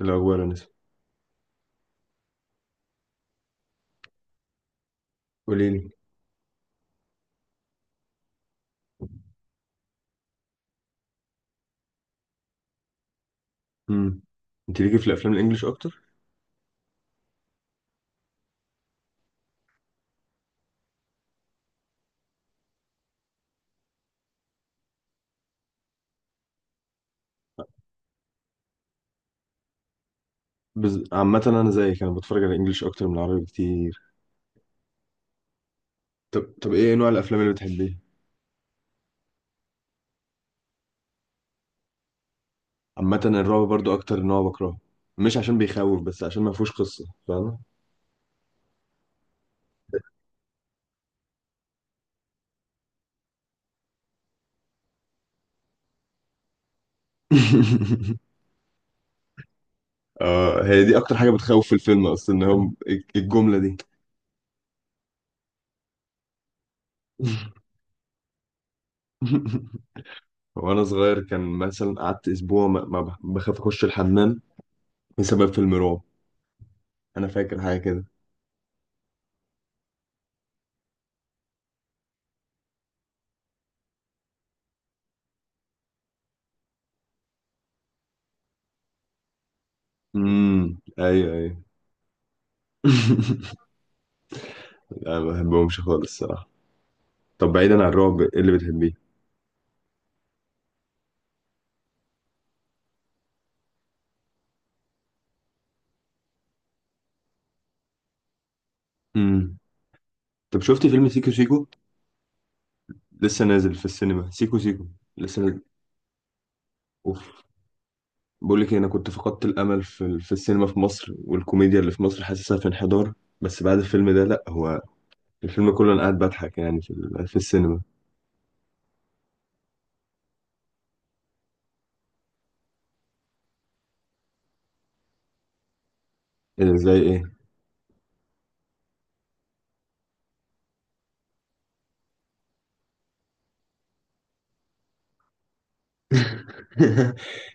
الأخبار يا نسمة. قولي لي. امم انت ليكي في الافلام الانجليش اكتر. عامه انا زيك، انا بتفرج على الانجليش اكتر من العربي بكتير. طب، ايه نوع الافلام اللي بتحبيها؟ عامه الرعب برضو اكتر نوع بكرهه، مش عشان بيخوف بس عشان ما فيهوش قصه، فاهمه؟ اه، هي دي اكتر حاجه بتخوف في الفيلم، اصلا ان هو الجمله دي. وانا صغير كان مثلا قعدت اسبوع ما, ما بخ- بخاف اخش الحمام بسبب فيلم رعب. انا فاكر حاجه كده. امم، ايوه ايوه. لا، ما بحبهمش خالص الصراحة. طب بعيدا عن الرعب، ايه اللي بتحبيه؟ امم. طب شفتي فيلم سيكو سيكو؟ لسه نازل في السينما سيكو سيكو. لسه نازل. اوف. بقول لك إيه، انا كنت فقدت الامل في في السينما في مصر، والكوميديا اللي في مصر حاسسها في انحدار. بس بعد الفيلم ده لا، هو الفيلم كله انا قاعد بضحك يعني في في السينما. إيه ده، زي ايه؟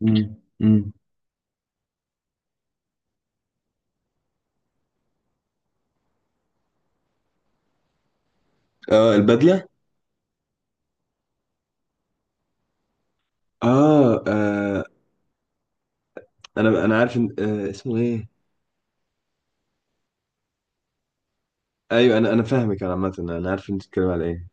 مم. مم. اه، البدله. اه، آه، انا عارف إن... آه اسمه ايه. ايوه، انا فاهمك، انا عامه انا عارف انت بتتكلم على ايه.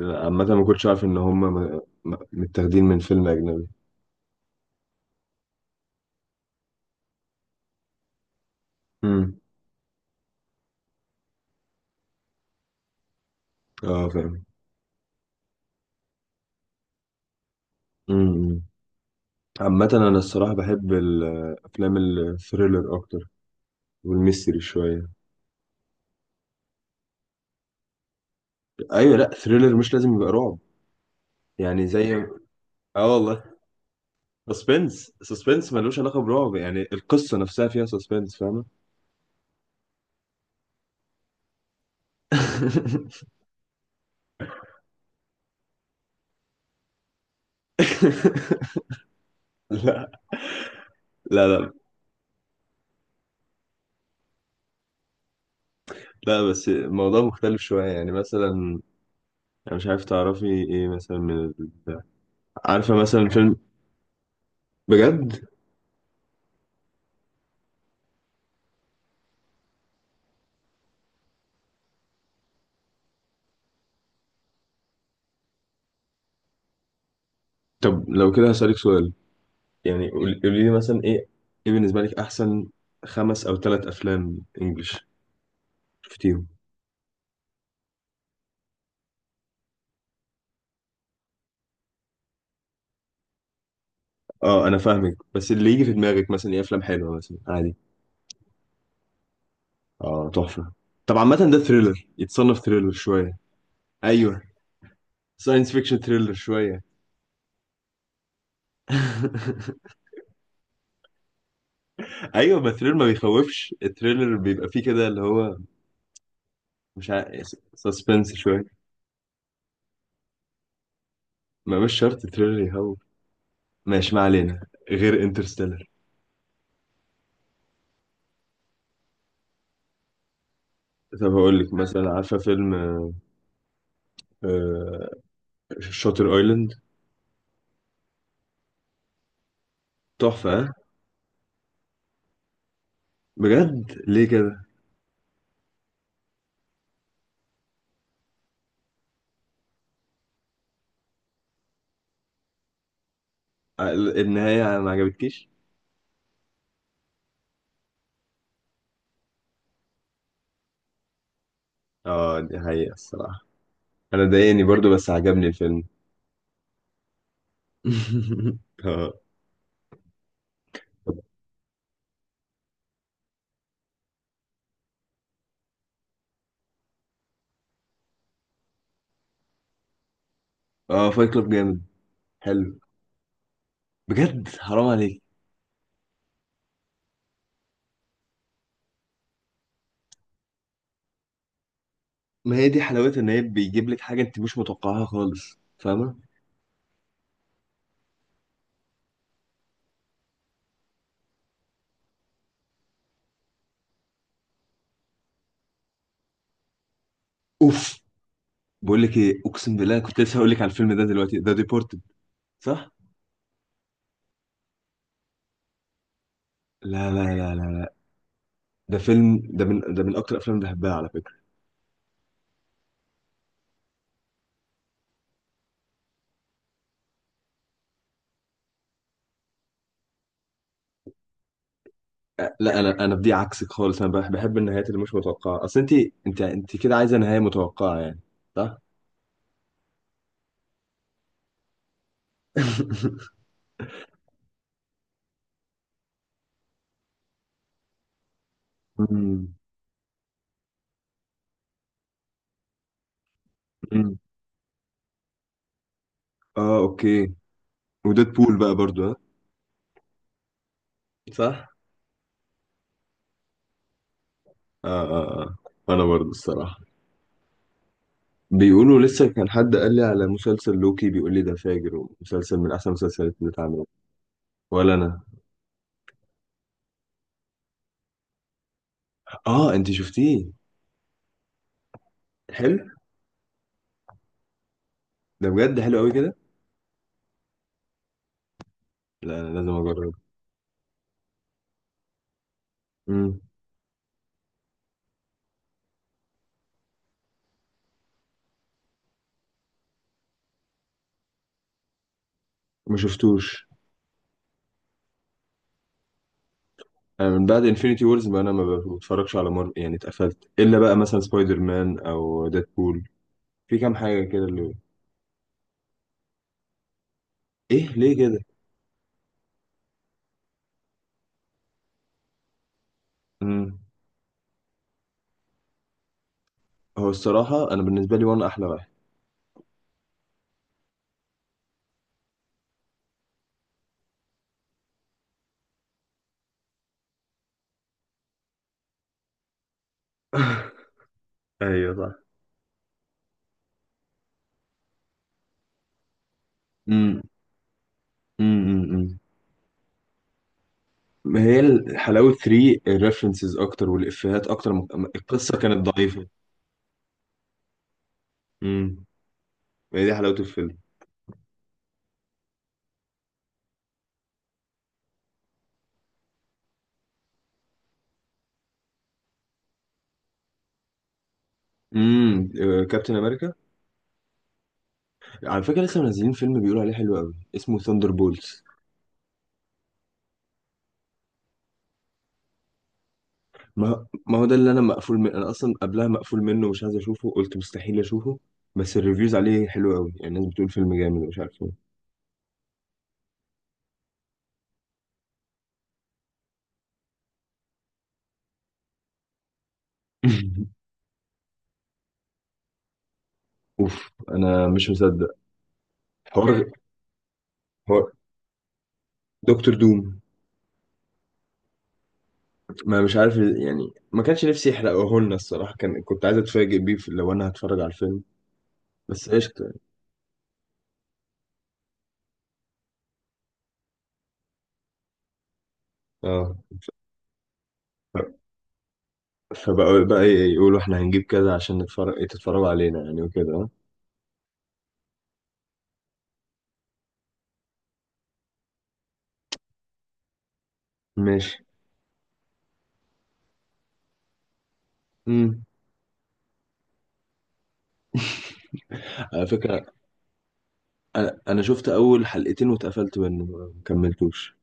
عامة ما كنتش عارف إن هما متاخدين من فيلم أجنبي. امم. اه فاهم. امم. عامة أنا الصراحة بحب الأفلام الثريلر أكتر، والميستري شوية. أيوة، لأ ثريلر مش لازم يبقى رعب، يعني زي... اه والله. سسبنس، سسبنس ملوش علاقة برعب، يعني القصة نفسها فيها سسبنس، فاهمة؟ لا لا لا لا بس الموضوع مختلف شوية، يعني مثلا أنا مش عارف تعرفي إيه مثلا من عارفة مثلا فيلم. بجد؟ طب لو كده هسألك سؤال، يعني قولي لي مثلا ايه، ايه بالنسبة لك احسن خمس او ثلاث افلام انجلش شفتيهم. اه انا فاهمك، بس اللي يجي في دماغك مثلا ايه، افلام حلوة مثلا عادي. اه تحفة. طب عامة ده ثريلر، يتصنف ثريلر شوية. ايوه. ساينس فيكشن ثريلر شوية. ايوه، ما الثريلر ما بيخوفش، الثريلر بيبقى فيه كده اللي هو مش عارف، سسبنس شوية. ما مش شرط الثريلر يخوف. ماشي، ما علينا غير انترستيلر. طب هقول لك مثلا، عارفة فيلم آه، شاتر ايلاند؟ تحفة ها؟ بجد، ليه كده؟ آه، النهاية ما عجبتكيش؟ اه دي حقيقة الصراحة، انا ضايقني برضو بس عجبني الفيلم. اه اه. فايت كلاب جامد، حلو. بجد حرام عليك. ما هي دي حلاوتها، ان هي بيجيب لك حاجة انت مش متوقعها خالص، فاهمة؟ اوف. بقول لك ايه، اقسم بالله كنت لسه هقول لك على الفيلم ده دلوقتي، ده ديبورتد، صح؟ لا. ده فيلم، ده من ده من اكتر الافلام اللي بحبها على فكرة. لا انا بدي عكسك خالص، انا بحب النهايات اللي مش متوقعه. اصل انت، انت كده عايزه نهايه متوقعه يعني، صح. امم امم. اه اوكي. وديد بول بقى برضو، ها؟ صح. اه اه اه، انا برضو الصراحه. بيقولوا لسه، كان حد قال لي على مسلسل لوكي بيقول لي ده فاجر، ومسلسل من احسن المسلسلات اللي اتعملت. ولا انا. اه انت شفتيه. حلو. ده بجد حلو قوي كده. لا انا لازم اجرب. امم. ما شفتوش. أنا من بعد انفينيتي وورز، ما انا ما بتفرجش على مارفل، يعني اتقفلت الا بقى مثلا سبايدر مان او ديدبول، في كام حاجه كده اللي... ايه ليه كده؟ امم. هو الصراحه انا بالنسبه لي وان احلى واحد. ايوه صح. امم امم. ما هي حلاوه 3 الريفرنسز اكتر والافيهات اكتر القصه كانت ضعيفه. امم. ما هي دي حلاوه الفيلم. امم. كابتن امريكا. على فكره لسه منزلين فيلم بيقولوا عليه حلو قوي اسمه ثاندر بولز. ما ما هو ده اللي انا مقفول من، انا اصلا قبلها مقفول منه، مش عايز اشوفه، قلت مستحيل اشوفه. بس الريفيوز عليه حلو قوي، يعني الناس بتقول فيلم جامد ومش عارف ايه. اوف انا مش مصدق. حوار. حوار. دكتور دوم. ما مش عارف يعني، ما كانش نفسي يحرقه لنا الصراحه، كان كنت عايز اتفاجئ بيه لو انا هتفرج على الفيلم. بس قشطه يعني. اه، ف- فبقى، يقولوا احنا هنجيب كذا عشان نتفرج، تتفرجوا علينا يعني، وكده آه. ماشي. امم. على فكره انا، شفت اول حلقتين واتقفلت منه، ما كملتوش.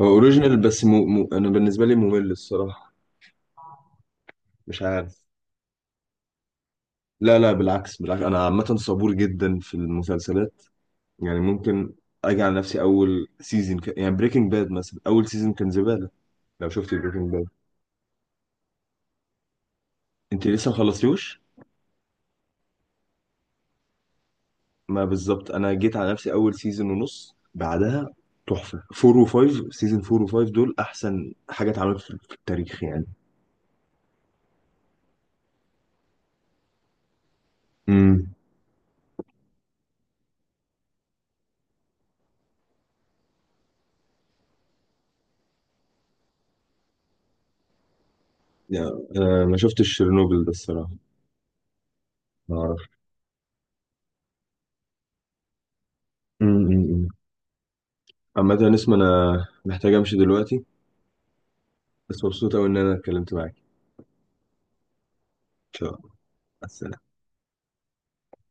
هو اوريجينال بس انا بالنسبه لي ممل الصراحه، مش عارف. لا لا، بالعكس بالعكس، انا عامه صبور جدا في المسلسلات، يعني ممكن اجي على نفسي اول سيزون يعني بريكنج باد مثلا اول سيزون كان زباله، لو شفت بريكنج باد. انت لسه ما خلصتيهوش؟ ما بالظبط انا جيت على نفسي اول سيزون ونص، بعدها تحفه. 4 و 5، سيزون 4 و 5 دول احسن حاجه اتعملت في في التاريخ يعني. امم. يعني أنا ما شفتش شيرنوبل ده الصراحة، ما أعرف. امم. عامة يا نسمة أنا محتاج أمشي دلوقتي، بس مبسوط أوي إن أنا اتكلمت معاك. إن شاء الله مع السلامة.